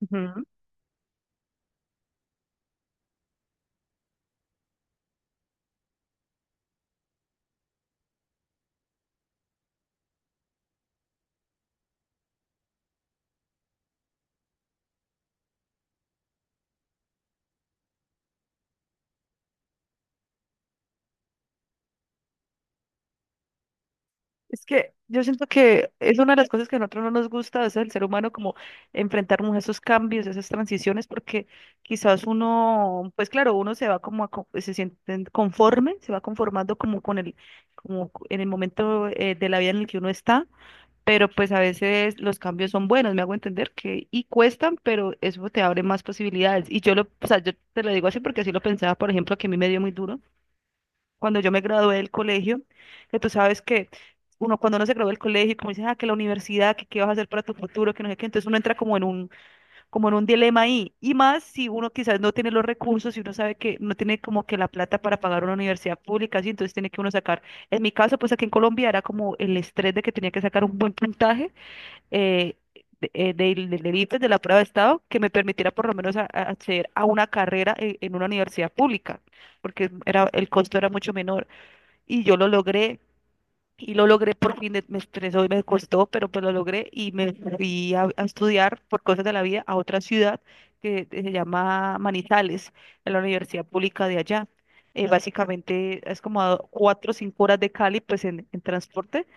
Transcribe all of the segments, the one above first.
Ujú. Es que yo siento que es una de las cosas que a nosotros no nos gusta, es el ser humano como enfrentarnos a esos cambios, a esas transiciones, porque quizás uno, pues claro, uno se va como, se siente conforme, se va conformando como con el, como en el momento de la vida en el que uno está, pero pues a veces los cambios son buenos, me hago entender que, y cuestan, pero eso te abre más posibilidades. Y yo lo, o sea, yo te lo digo así porque así lo pensaba, por ejemplo, que a mí me dio muy duro cuando yo me gradué del colegio, que tú sabes que uno cuando uno se gradúa del colegio, como dicen, ah, que la universidad, que qué vas a hacer para tu futuro, que no sé qué, entonces uno entra como en un, dilema ahí, y más si uno quizás no tiene los recursos, si uno sabe que no tiene como que la plata para pagar una universidad pública, así, entonces tiene que uno sacar, en mi caso, pues aquí en Colombia era como el estrés de que tenía que sacar un buen puntaje, eh, del ICFES, de la prueba de estado, que me permitiera por lo menos acceder a una carrera en una universidad pública porque era, el costo era mucho menor y yo lo logré y lo logré por fin, me estresó y me costó, pero pues lo logré y me fui a estudiar por cosas de la vida a otra ciudad que se llama Manizales, en la Universidad Pública de allá. Básicamente es como a 4 o 5 horas de Cali, pues en transporte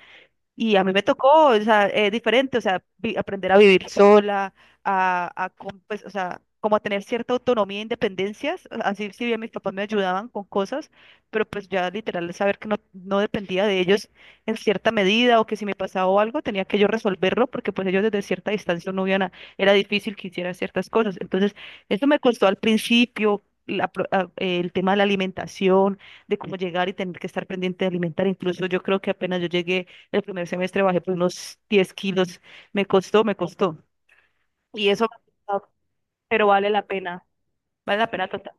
y a mí me tocó, o sea, diferente, o sea, aprender a vivir sola, a, pues, o sea, como a tener cierta autonomía e independencias, así si bien mis papás me ayudaban con cosas, pero pues ya literal saber que no, no dependía de ellos en cierta medida o que si me pasaba algo tenía que yo resolverlo porque pues ellos desde cierta distancia no iban era difícil que hiciera ciertas cosas. Entonces, eso me costó al principio. El tema de la alimentación, de cómo llegar y tener que estar pendiente de alimentar. Incluso yo creo que apenas yo llegué el primer semestre bajé por unos 10 kilos. Me costó, me costó. Y eso, me ha costado, pero vale la pena. Vale la pena total.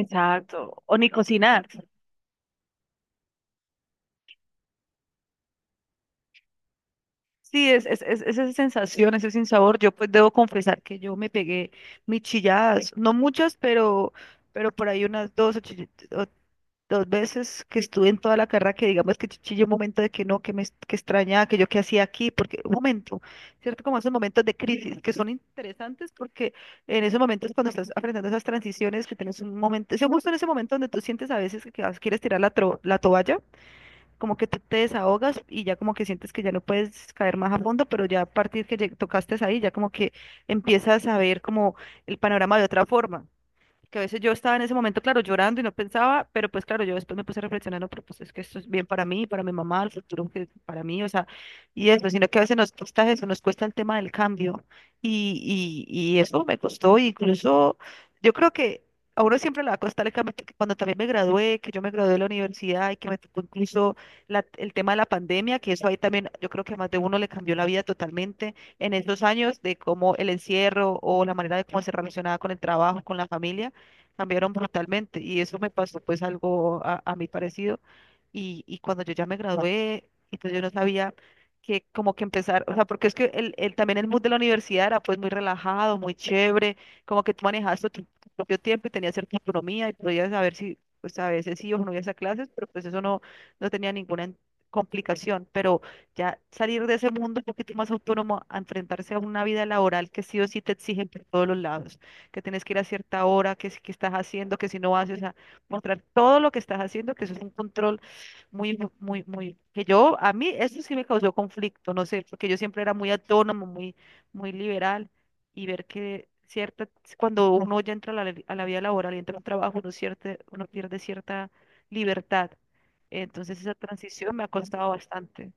Exacto. O ni cocinar. Sí, es, es esa sensación, ese sinsabor. Yo pues debo confesar que yo me pegué mis chilladas. No muchas, pero por ahí unas dos o, dos veces que estuve en toda la carrera que digamos que chillé un momento de que no, que que extrañaba, que yo qué hacía aquí, porque un momento, ¿cierto? Como esos momentos de crisis que son interesantes porque en esos momentos cuando estás aprendiendo esas transiciones, que tienes un momento, es justo en ese momento donde tú sientes a veces que quieres tirar la, la toalla, como que tú te desahogas y ya como que sientes que ya no puedes caer más a fondo, pero ya a partir que tocaste ahí, ya como que empiezas a ver como el panorama de otra forma que a veces yo estaba en ese momento, claro, llorando y no pensaba, pero pues claro, yo después me puse reflexionando pero pues es que esto es bien para mí, para mi mamá, el futuro que para mí, o sea, y eso, sino que a veces nos cuesta eso, nos cuesta el tema del cambio y eso me costó, y incluso yo creo que a uno siempre le va a costar el cambio, porque cuando también me gradué, que yo me gradué de la universidad y que me tocó incluso el tema de la pandemia, que eso ahí también yo creo que a más de uno le cambió la vida totalmente en esos años de cómo el encierro o la manera de cómo se relacionaba con el trabajo, con la familia cambiaron brutalmente y eso me pasó pues algo a mí parecido y cuando yo ya me gradué, entonces yo no sabía que como que empezar, o sea, porque es que el, también el mood de la universidad era pues muy relajado, muy chévere, como que tú manejabas tu, tu propio tiempo y tenías cierta autonomía y podías saber si, pues a veces sí o no ibas a clases, pero pues eso no, no tenía ninguna complicación, pero ya salir de ese mundo un poquito más autónomo a enfrentarse a una vida laboral que sí o sí te exigen por todos los lados que tienes que ir a cierta hora, que si que estás haciendo, que si no haces, o sea, mostrar todo lo que estás haciendo, que eso es un control muy, que yo, a mí, eso sí me causó conflicto, no sé, porque yo siempre era muy autónomo, muy, muy liberal, y ver que cierta, cuando uno ya entra a la vida laboral y entra a un trabajo, uno, cierta, uno pierde cierta libertad. Entonces esa transición me ha costado bastante.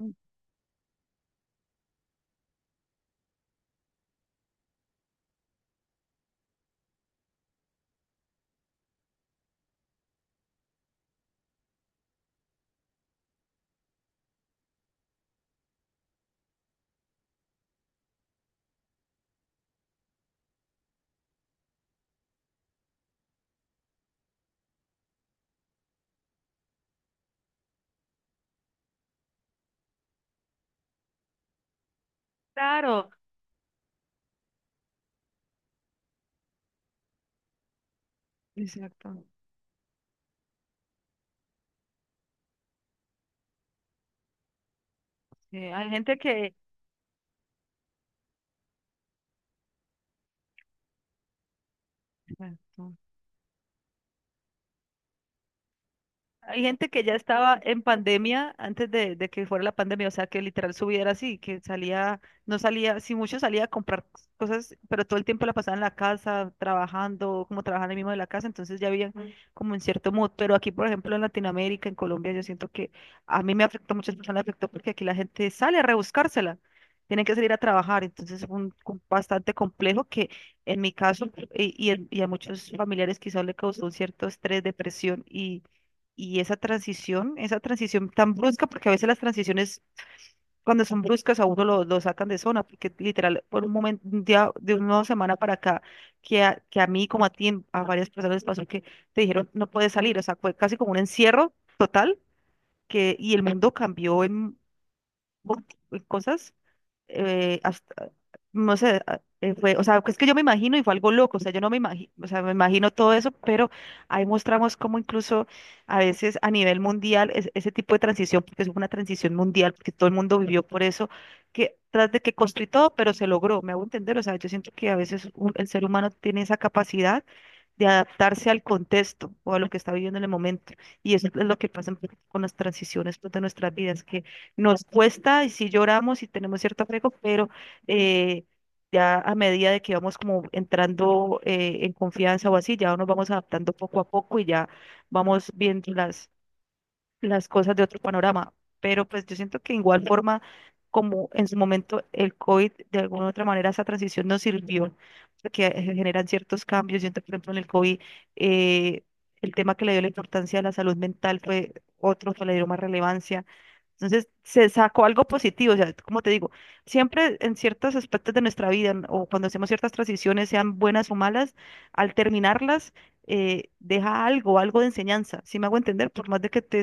Mm. Claro. Exacto. Sí, hay gente que... Exacto. Hay gente que ya estaba en pandemia antes de que fuera la pandemia, o sea, que literal su vida era así, que salía, no salía, si mucho salía a comprar cosas, pero todo el tiempo la pasaba en la casa, trabajando, como trabajando ahí mismo de la casa, entonces ya había mm como un cierto mood, pero aquí, por ejemplo, en Latinoamérica, en Colombia, yo siento que a mí me afectó, a muchas personas me afectó porque aquí la gente sale a rebuscársela, tienen que salir a trabajar, entonces es un bastante complejo que en mi caso y, y a muchos familiares quizás le causó un cierto estrés, depresión y esa transición tan brusca, porque a veces las transiciones cuando son bruscas a uno lo sacan de zona, porque literal, por un momento, un día, de una semana para acá, que a mí como a ti, a varias personas les pasó que te dijeron no puedes salir, o sea, fue casi como un encierro total, y el mundo cambió en cosas hasta, no sé, fue, o sea, es que yo me imagino y fue algo loco, o sea, yo no me imagino, o sea, me imagino todo eso, pero ahí mostramos cómo incluso a veces a nivel mundial ese tipo de transición, porque es una transición mundial, porque todo el mundo vivió por eso, que tras de que construí todo, pero se logró, me hago entender, o sea, yo siento que a veces el ser humano tiene esa capacidad de adaptarse al contexto o a lo que está viviendo en el momento. Y eso es lo que pasa un poco con las transiciones pues, de nuestras vidas, que nos cuesta y sí lloramos y tenemos cierto apego, pero eh, ya a medida de que vamos como entrando en confianza o así, ya nos vamos adaptando poco a poco y ya vamos viendo las cosas de otro panorama, pero pues yo siento que de igual forma, como en su momento el COVID, de alguna u otra manera esa transición nos sirvió, porque generan ciertos cambios. Siento que, por ejemplo, en el COVID, eh, el tema que le dio la importancia a la salud mental fue otro que le dio más relevancia. Entonces, se sacó algo positivo, o sea, como te digo, siempre en ciertos aspectos de nuestra vida o cuando hacemos ciertas transiciones, sean buenas o malas, al terminarlas, deja algo, algo de enseñanza, si me hago entender, por más de que te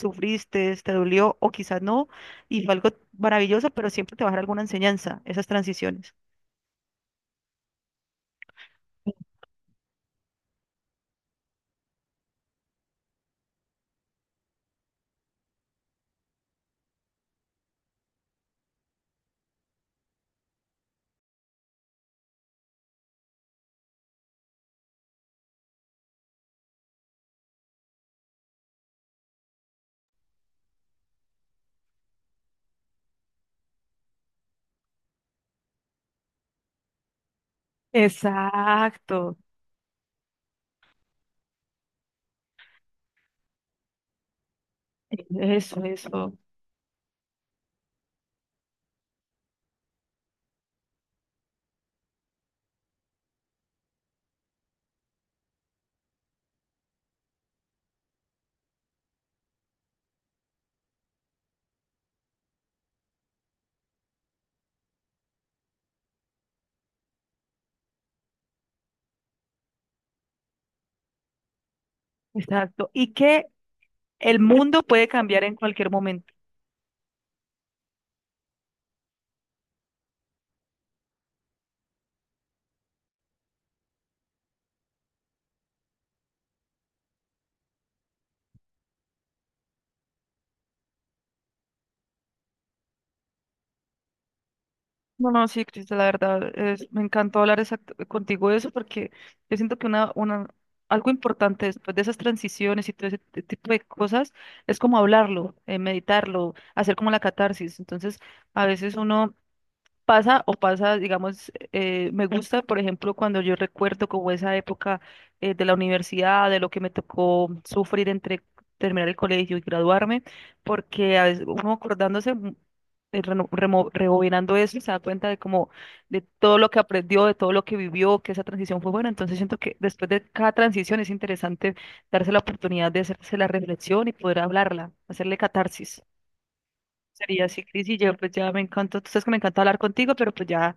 sufriste, te dolió o quizás no, y fue algo maravilloso, pero siempre te va a dar alguna enseñanza, esas transiciones. Exacto, eso, exacto. Y que el mundo puede cambiar en cualquier momento. No, no, sí, Crista, la verdad, me encantó hablar contigo de eso porque yo siento que una, algo importante después de esas transiciones y todo ese tipo de cosas es como hablarlo, meditarlo, hacer como la catarsis. Entonces, a veces uno pasa o pasa, digamos, me gusta, por ejemplo, cuando yo recuerdo como esa época de la universidad, de lo que me tocó sufrir entre terminar el colegio y graduarme, porque a veces uno acordándose, rebobinando eso, se da cuenta de como de todo lo que aprendió, de todo lo que vivió, que esa transición fue buena. Entonces siento que después de cada transición es interesante darse la oportunidad de hacerse la reflexión y poder hablarla, hacerle catarsis. Sería así, Cris, y yo pues ya me encantó, tú sabes que me encanta hablar contigo, pero pues ya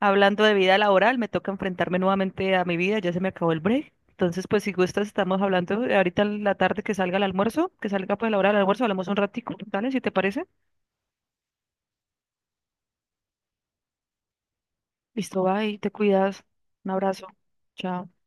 hablando de vida laboral, me toca enfrentarme nuevamente a mi vida, ya se me acabó el break. Entonces, pues si gustas, estamos hablando ahorita en la tarde que salga el almuerzo, que salga pues la hora del almuerzo, hablamos un ratico, ¿vale? Si te parece. Listo, bye, te cuidas. Un abrazo. Chao.